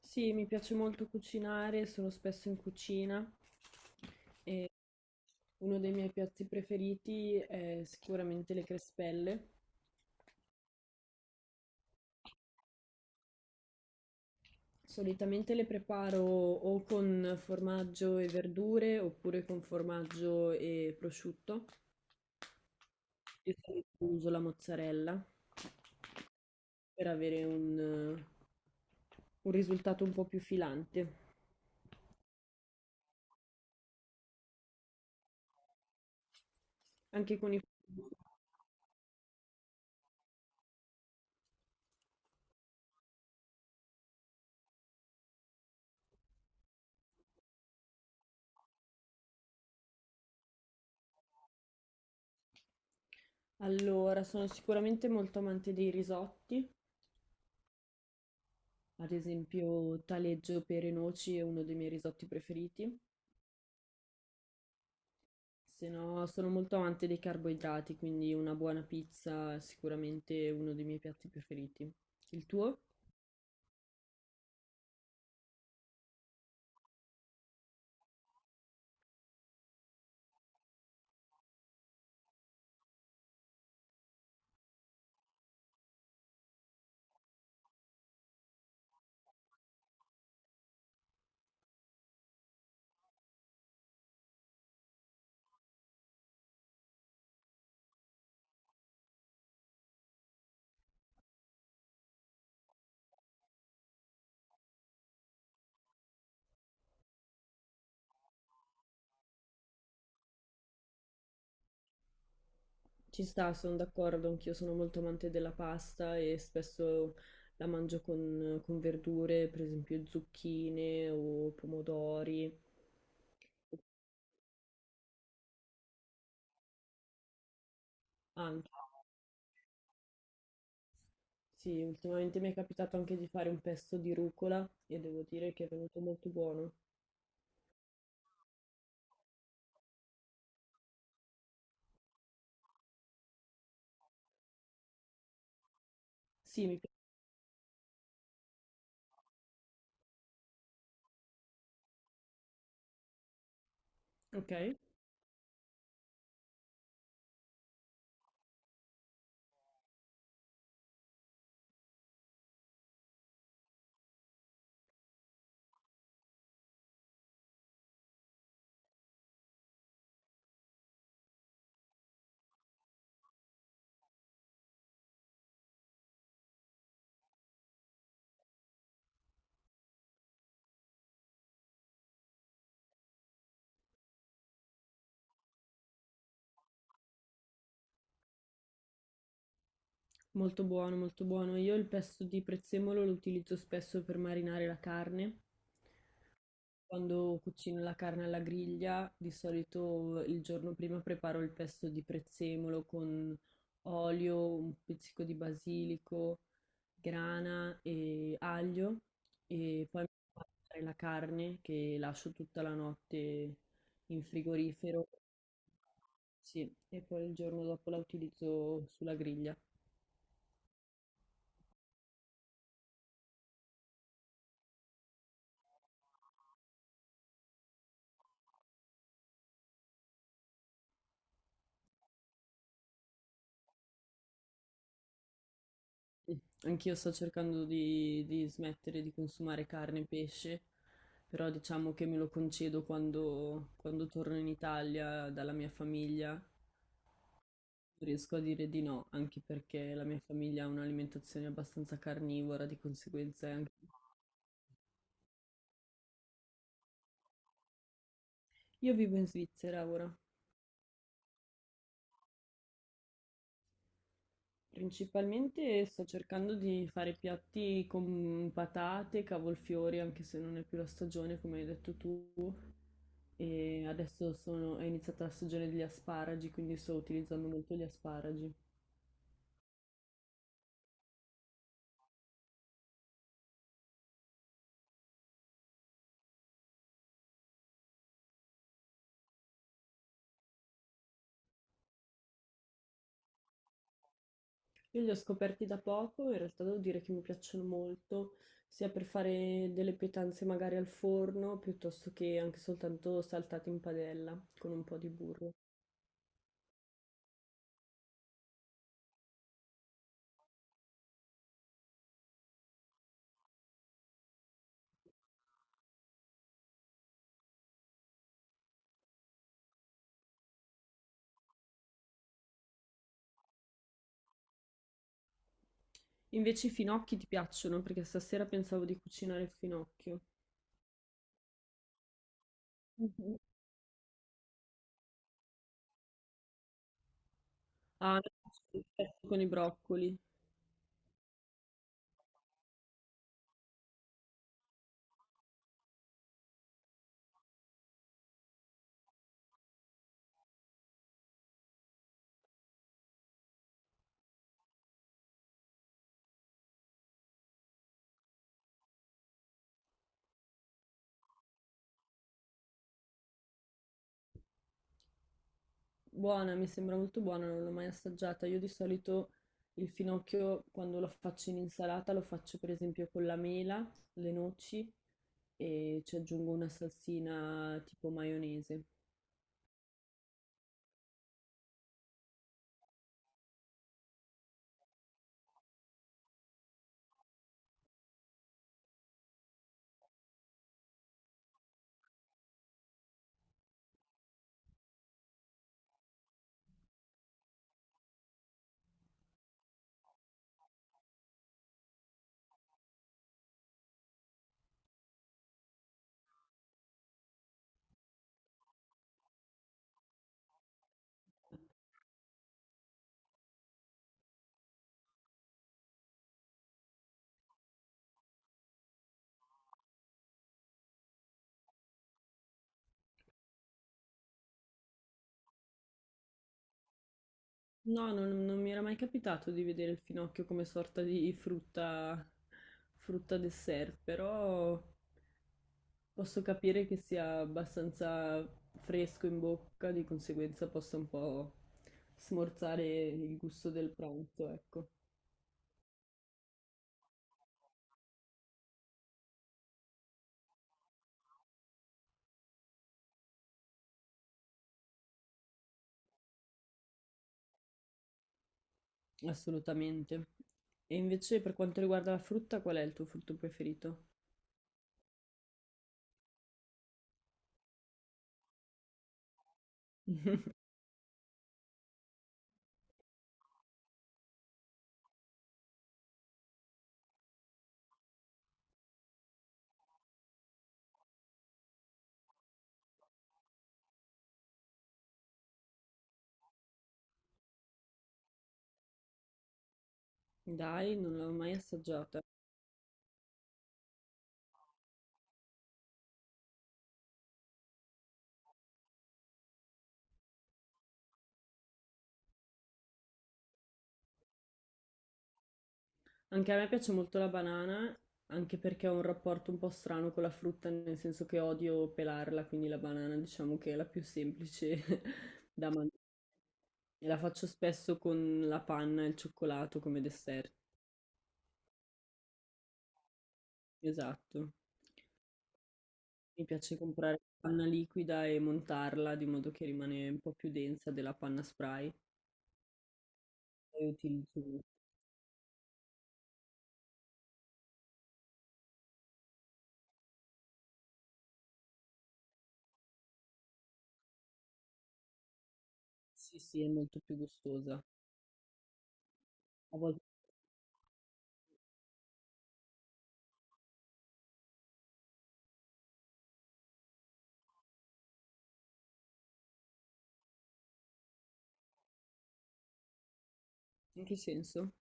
Sì, mi piace molto cucinare, sono spesso in cucina e uno dei miei piatti preferiti è sicuramente le crespelle. Solitamente le preparo o con formaggio e verdure oppure con formaggio e prosciutto. Io solitamente uso la mozzarella per avere un risultato un po' più filante. Anche con i... Allora, sono sicuramente molto amante dei risotti. Ad esempio, taleggio, pere, e noci è uno dei miei risotti preferiti. Se no, sono molto amante dei carboidrati, quindi una buona pizza è sicuramente uno dei miei piatti preferiti. Il tuo? Ci sta, sono d'accordo, anch'io sono molto amante della pasta e spesso la mangio con verdure, per esempio zucchine o pomodori. Anche, sì, ultimamente mi è capitato anche di fare un pesto di rucola e devo dire che è venuto molto buono. Sì, mi piace. Ok. Molto buono, molto buono. Io il pesto di prezzemolo lo utilizzo spesso per marinare la carne. Quando cucino la carne alla griglia, di solito il giorno prima preparo il pesto di prezzemolo con olio, un pizzico di basilico, grana e aglio e poi metto a marinare la carne che lascio tutta la notte in frigorifero. Sì, e poi il giorno dopo la utilizzo sulla griglia. Mm. Anch'io sto cercando di smettere di consumare carne e pesce, però diciamo che me lo concedo quando torno in Italia dalla mia famiglia. Non riesco a dire di no, anche perché la mia famiglia ha un'alimentazione abbastanza carnivora, di conseguenza è anche... Io vivo in Svizzera ora. Principalmente sto cercando di fare piatti con patate, cavolfiori, anche se non è più la stagione, come hai detto tu. E è iniziata la stagione degli asparagi, quindi sto utilizzando molto gli asparagi. Io li ho scoperti da poco, in realtà devo dire che mi piacciono molto, sia per fare delle pietanze magari al forno, piuttosto che anche soltanto saltati in padella con un po' di burro. Invece i finocchi ti piacciono, perché stasera pensavo di cucinare il finocchio. Ah, no, sì, certo, con i broccoli. Buona, mi sembra molto buona, non l'ho mai assaggiata. Io di solito il finocchio, quando lo faccio in insalata, lo faccio per esempio con la mela, le noci e ci aggiungo una salsina tipo maionese. No, non mi era mai capitato di vedere il finocchio come sorta di frutta, frutta dessert, però posso capire che sia abbastanza fresco in bocca, di conseguenza possa un po' smorzare il gusto del pranzo, ecco, assolutamente. E invece per quanto riguarda la frutta, qual è il tuo frutto preferito? Dai, non l'ho mai assaggiata. Anche a me piace molto la banana, anche perché ho un rapporto un po' strano con la frutta, nel senso che odio pelarla, quindi la banana diciamo che è la più semplice da mangiare. E la faccio spesso con la panna e il cioccolato come dessert. Esatto. Mi piace comprare panna liquida e montarla di modo che rimane un po' più densa della panna spray e utilizzo sì, sì, è molto più gustosa. A volte in che senso?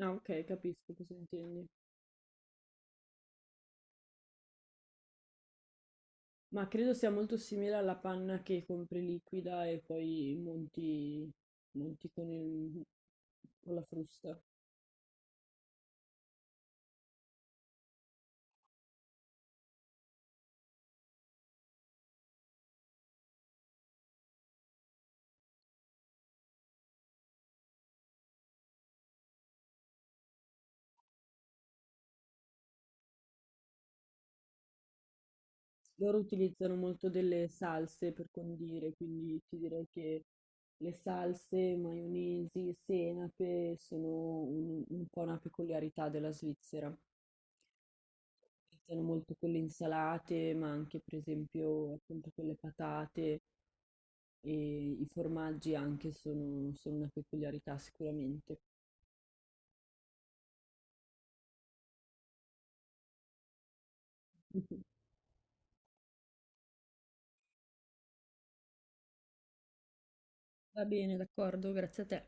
Ah, ok, capisco cosa intendi. Ma credo sia molto simile alla panna che compri liquida e poi monti, monti con la frusta. Loro utilizzano molto delle salse per condire, quindi ti direi che le salse, maionesi, senape sono un po' una peculiarità della Svizzera. Utilizzano molto quelle insalate, ma anche per esempio appunto quelle patate e i formaggi anche sono una peculiarità sicuramente. Va bene, d'accordo, grazie a te.